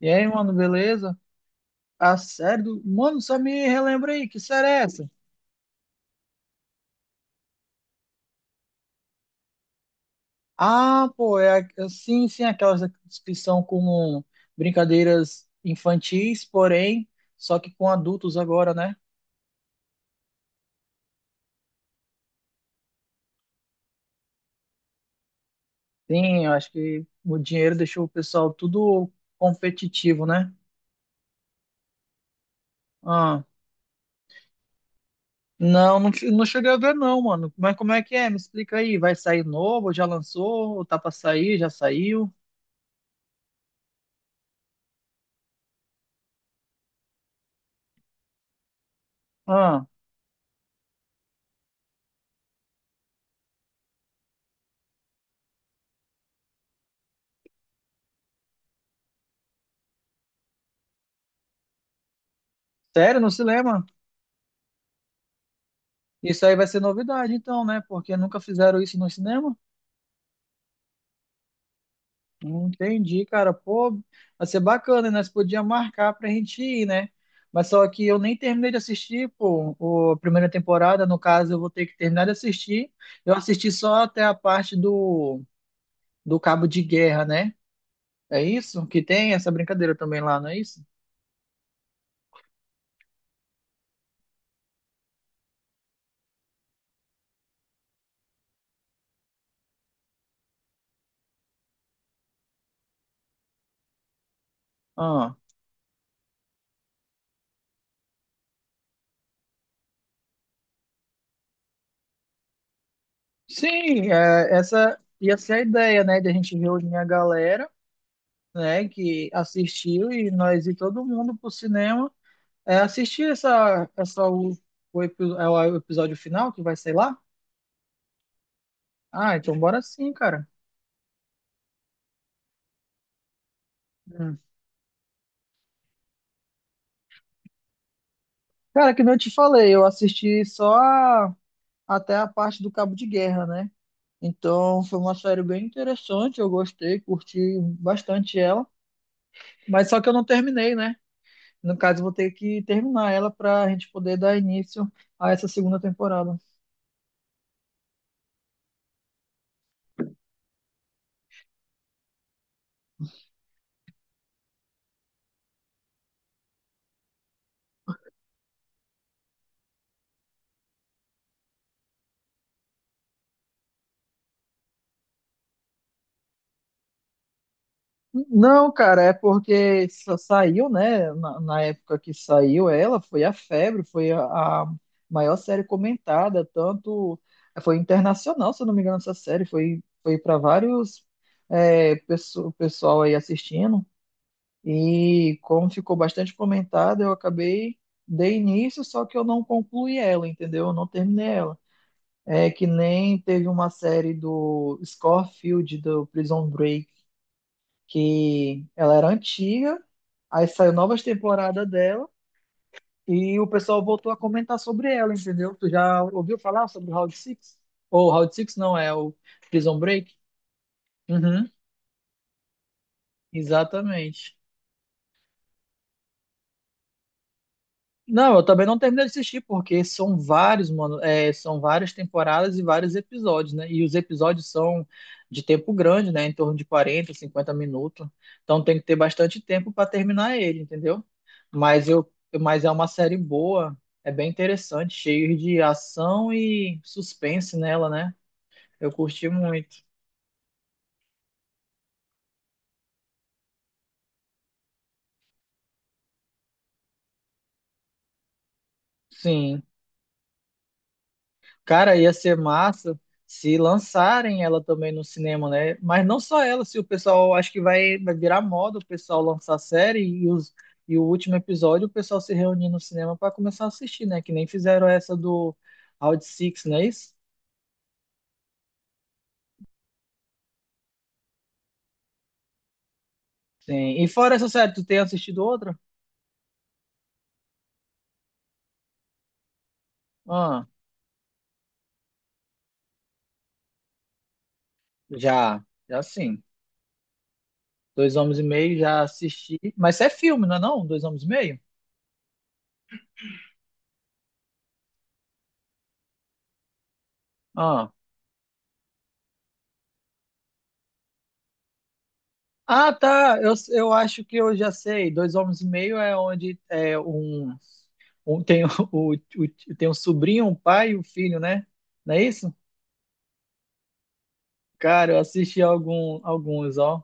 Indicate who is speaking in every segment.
Speaker 1: E aí, mano, beleza? A série do... Mano, só me relembra aí, que série é essa? Ah, pô, sim, sim, aquelas que são como brincadeiras infantis, porém, só que com adultos agora, né? Sim, eu acho que o dinheiro deixou o pessoal tudo competitivo, né? Ah, não, não, não cheguei a ver não, mano. Mas como é que é? Me explica aí. Vai sair novo? Já lançou? Ou tá pra sair? Já saiu? Ah, sério? No cinema? Isso aí vai ser novidade, então, né? Porque nunca fizeram isso no cinema. Não entendi, cara. Pô, vai ser bacana, né? Nós podíamos marcar pra gente ir, né? Mas só que eu nem terminei de assistir, pô, a primeira temporada. No caso, eu vou ter que terminar de assistir. Eu assisti só até a parte do cabo de guerra, né? É isso? Que tem essa brincadeira também lá, não é isso? Ah, sim, é, essa ia ser a ideia, né? De a gente reunir a galera, né? Que assistiu e nós ir todo mundo pro cinema. É, assistir essa é o episódio final que vai sair lá? Ah, então bora sim, cara. Hum. Cara, que nem eu te falei, eu assisti só até a parte do Cabo de Guerra, né? Então foi uma série bem interessante, eu gostei, curti bastante ela. Mas só que eu não terminei, né? No caso, eu vou ter que terminar ela pra gente poder dar início a essa segunda temporada. Não, cara, é porque só saiu, né? Na época que saiu ela, foi a febre, a maior série comentada, tanto foi internacional, se eu não me engano, essa série foi, foi para vários é, pessoal aí assistindo. E como ficou bastante comentada, eu acabei dei início, só que eu não concluí ela, entendeu? Eu não terminei ela. É que nem teve uma série do Scofield do Prison Break que ela era antiga, aí saiu novas temporadas dela e o pessoal voltou a comentar sobre ela, entendeu? Tu já ouviu falar sobre o Round Six? Ou Round Six não, é o Prison Break? Uhum, exatamente. Não, eu também não terminei de assistir, porque são vários, mano, é, são várias temporadas e vários episódios, né? E os episódios são de tempo grande, né? Em torno de 40, 50 minutos. Então tem que ter bastante tempo para terminar ele, entendeu? Mas eu, mas é uma série boa, é bem interessante, cheio de ação e suspense nela, né? Eu curti muito. Sim. Cara, ia ser massa se lançarem ela também no cinema, né? Mas não só ela, se o pessoal acho que vai, vai virar moda o pessoal lançar a série e o último episódio o pessoal se reunir no cinema para começar a assistir, né? Que nem fizeram essa do Round Six, não é isso? Sim. E fora essa série, tu tem assistido outra? Ah, já, já sim. Dois Homens e Meio já assisti. Mas isso é filme, não é não? Dois Homens e Meio? Ah. Ah, tá. Eu acho que eu já sei. Dois homens e meio é onde é um, um tem tem um sobrinho, um pai e um filho, né? Não é isso? Cara, eu assisti algum, alguns, ó,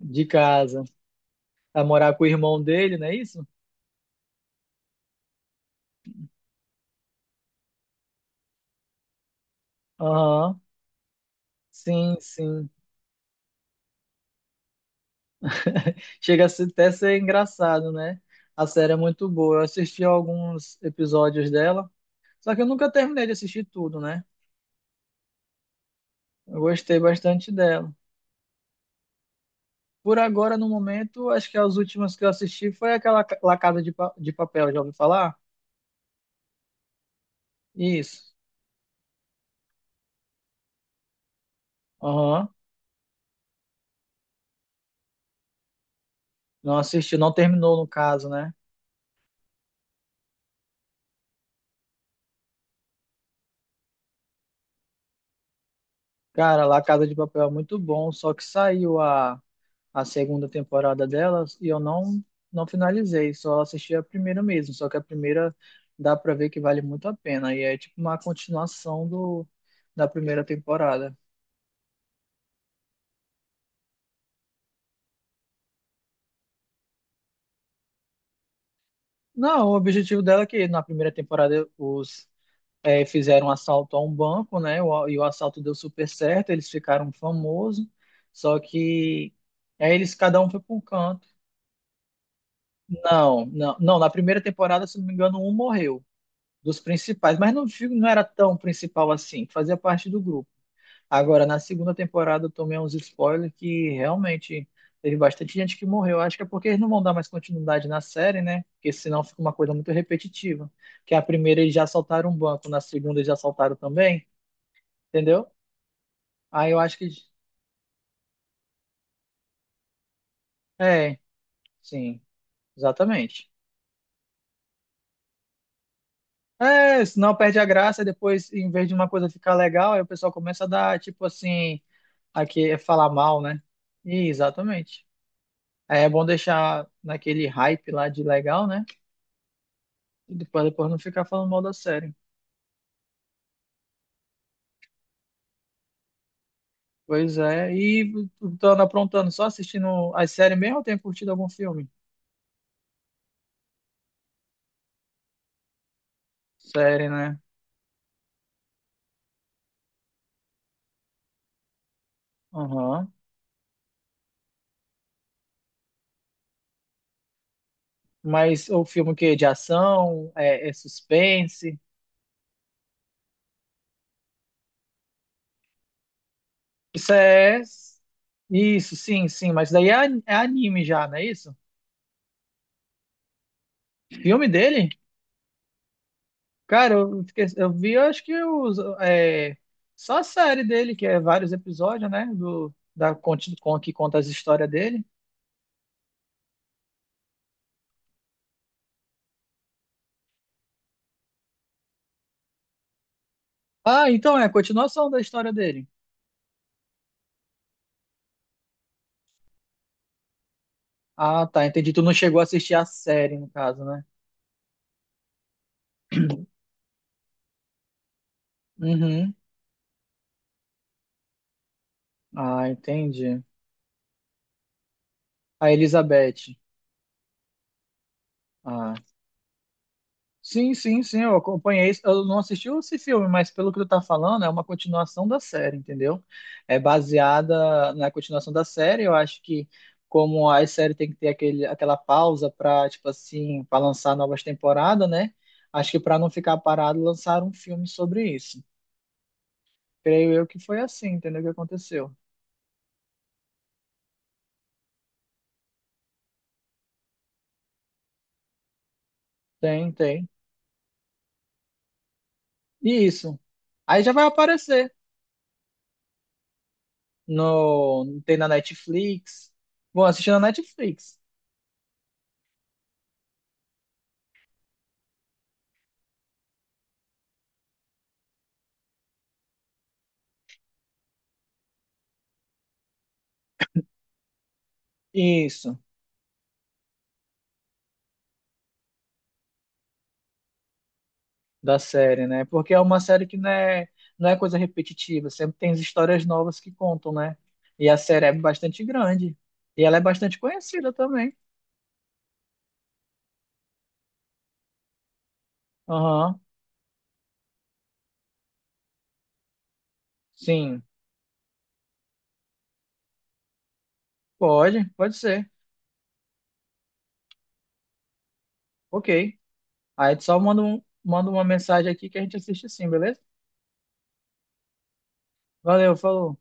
Speaker 1: de casa. A morar com o irmão dele, não é isso? Aham. Sim, sim. Chega a ser- até ser engraçado, né? A série é muito boa. Eu assisti alguns episódios dela, só que eu nunca terminei de assistir tudo, né? Eu gostei bastante dela. Por agora, no momento, acho que as últimas que eu assisti foi aquela La Casa de Papel, já ouviu falar? Isso. Aham. Não assisti, não terminou no caso, né? Cara, La Casa de Papel é muito bom, só que saiu a segunda temporada delas e eu não finalizei, só assisti a primeira mesmo. Só que a primeira dá pra ver que vale muito a pena e é tipo uma continuação da primeira temporada. Não, o objetivo dela é que na primeira temporada os é, fizeram um assalto a um banco, né? E o assalto deu super certo, eles ficaram famosos, só que aí eles cada um foi para um canto. Não, não, não, na primeira temporada, se não me engano, um morreu dos principais, mas não, não era tão principal assim, fazia parte do grupo. Agora, na segunda temporada, eu tomei uns spoilers que realmente teve bastante gente que morreu. Acho que é porque eles não vão dar mais continuidade na série, né? Porque senão fica uma coisa muito repetitiva. Que a primeira eles já assaltaram um banco, na segunda eles já assaltaram também, entendeu? Aí eu acho que. É, sim, exatamente. É, senão perde a graça e depois, em vez de uma coisa ficar legal, aí o pessoal começa a dar, tipo assim, aqui é falar mal, né? E, exatamente. Aí é bom deixar naquele hype lá de legal, né? E depois não ficar falando mal da série. Pois é. E tu anda aprontando, só assistindo as séries mesmo ou tem curtido algum filme? Série, né? Aham. Mas o filme que é de ação, é suspense. Isso é. Isso, sim, sim. Mas daí é, é anime já, não é isso? Filme dele? Cara, eu, eu vi, eu acho que os, é, só a série dele, que é vários episódios, né? Do, da, conti- com- que conta as histórias dele. Ah, então é a continuação da história dele. Ah, tá, entendi. Tu não chegou a assistir a série, no caso, né? Uhum. Ah, entendi. A Elizabeth. Ah. Sim, sim, sim, eu acompanhei. Eu não assisti esse filme, mas pelo que tu tá falando, é uma continuação da série, entendeu? É baseada na continuação da série. Eu acho que, como a série tem que ter aquele, aquela pausa para, tipo assim, para lançar novas temporadas, né? Acho que para não ficar parado, lançaram um filme sobre isso. Creio eu que foi assim, entendeu? O que aconteceu. Tem, tem. E isso. Aí já vai aparecer no, tem na Netflix. Bom, assistir na Netflix. Isso. da série, né? Porque é uma série que não é, não é coisa repetitiva, sempre tem as histórias novas que contam, né? E a série é bastante grande. E ela é bastante conhecida também. Aham, sim. Pode, pode ser. Ok. Aí tu só manda uma mensagem aqui que a gente assiste sim, beleza? Valeu, falou.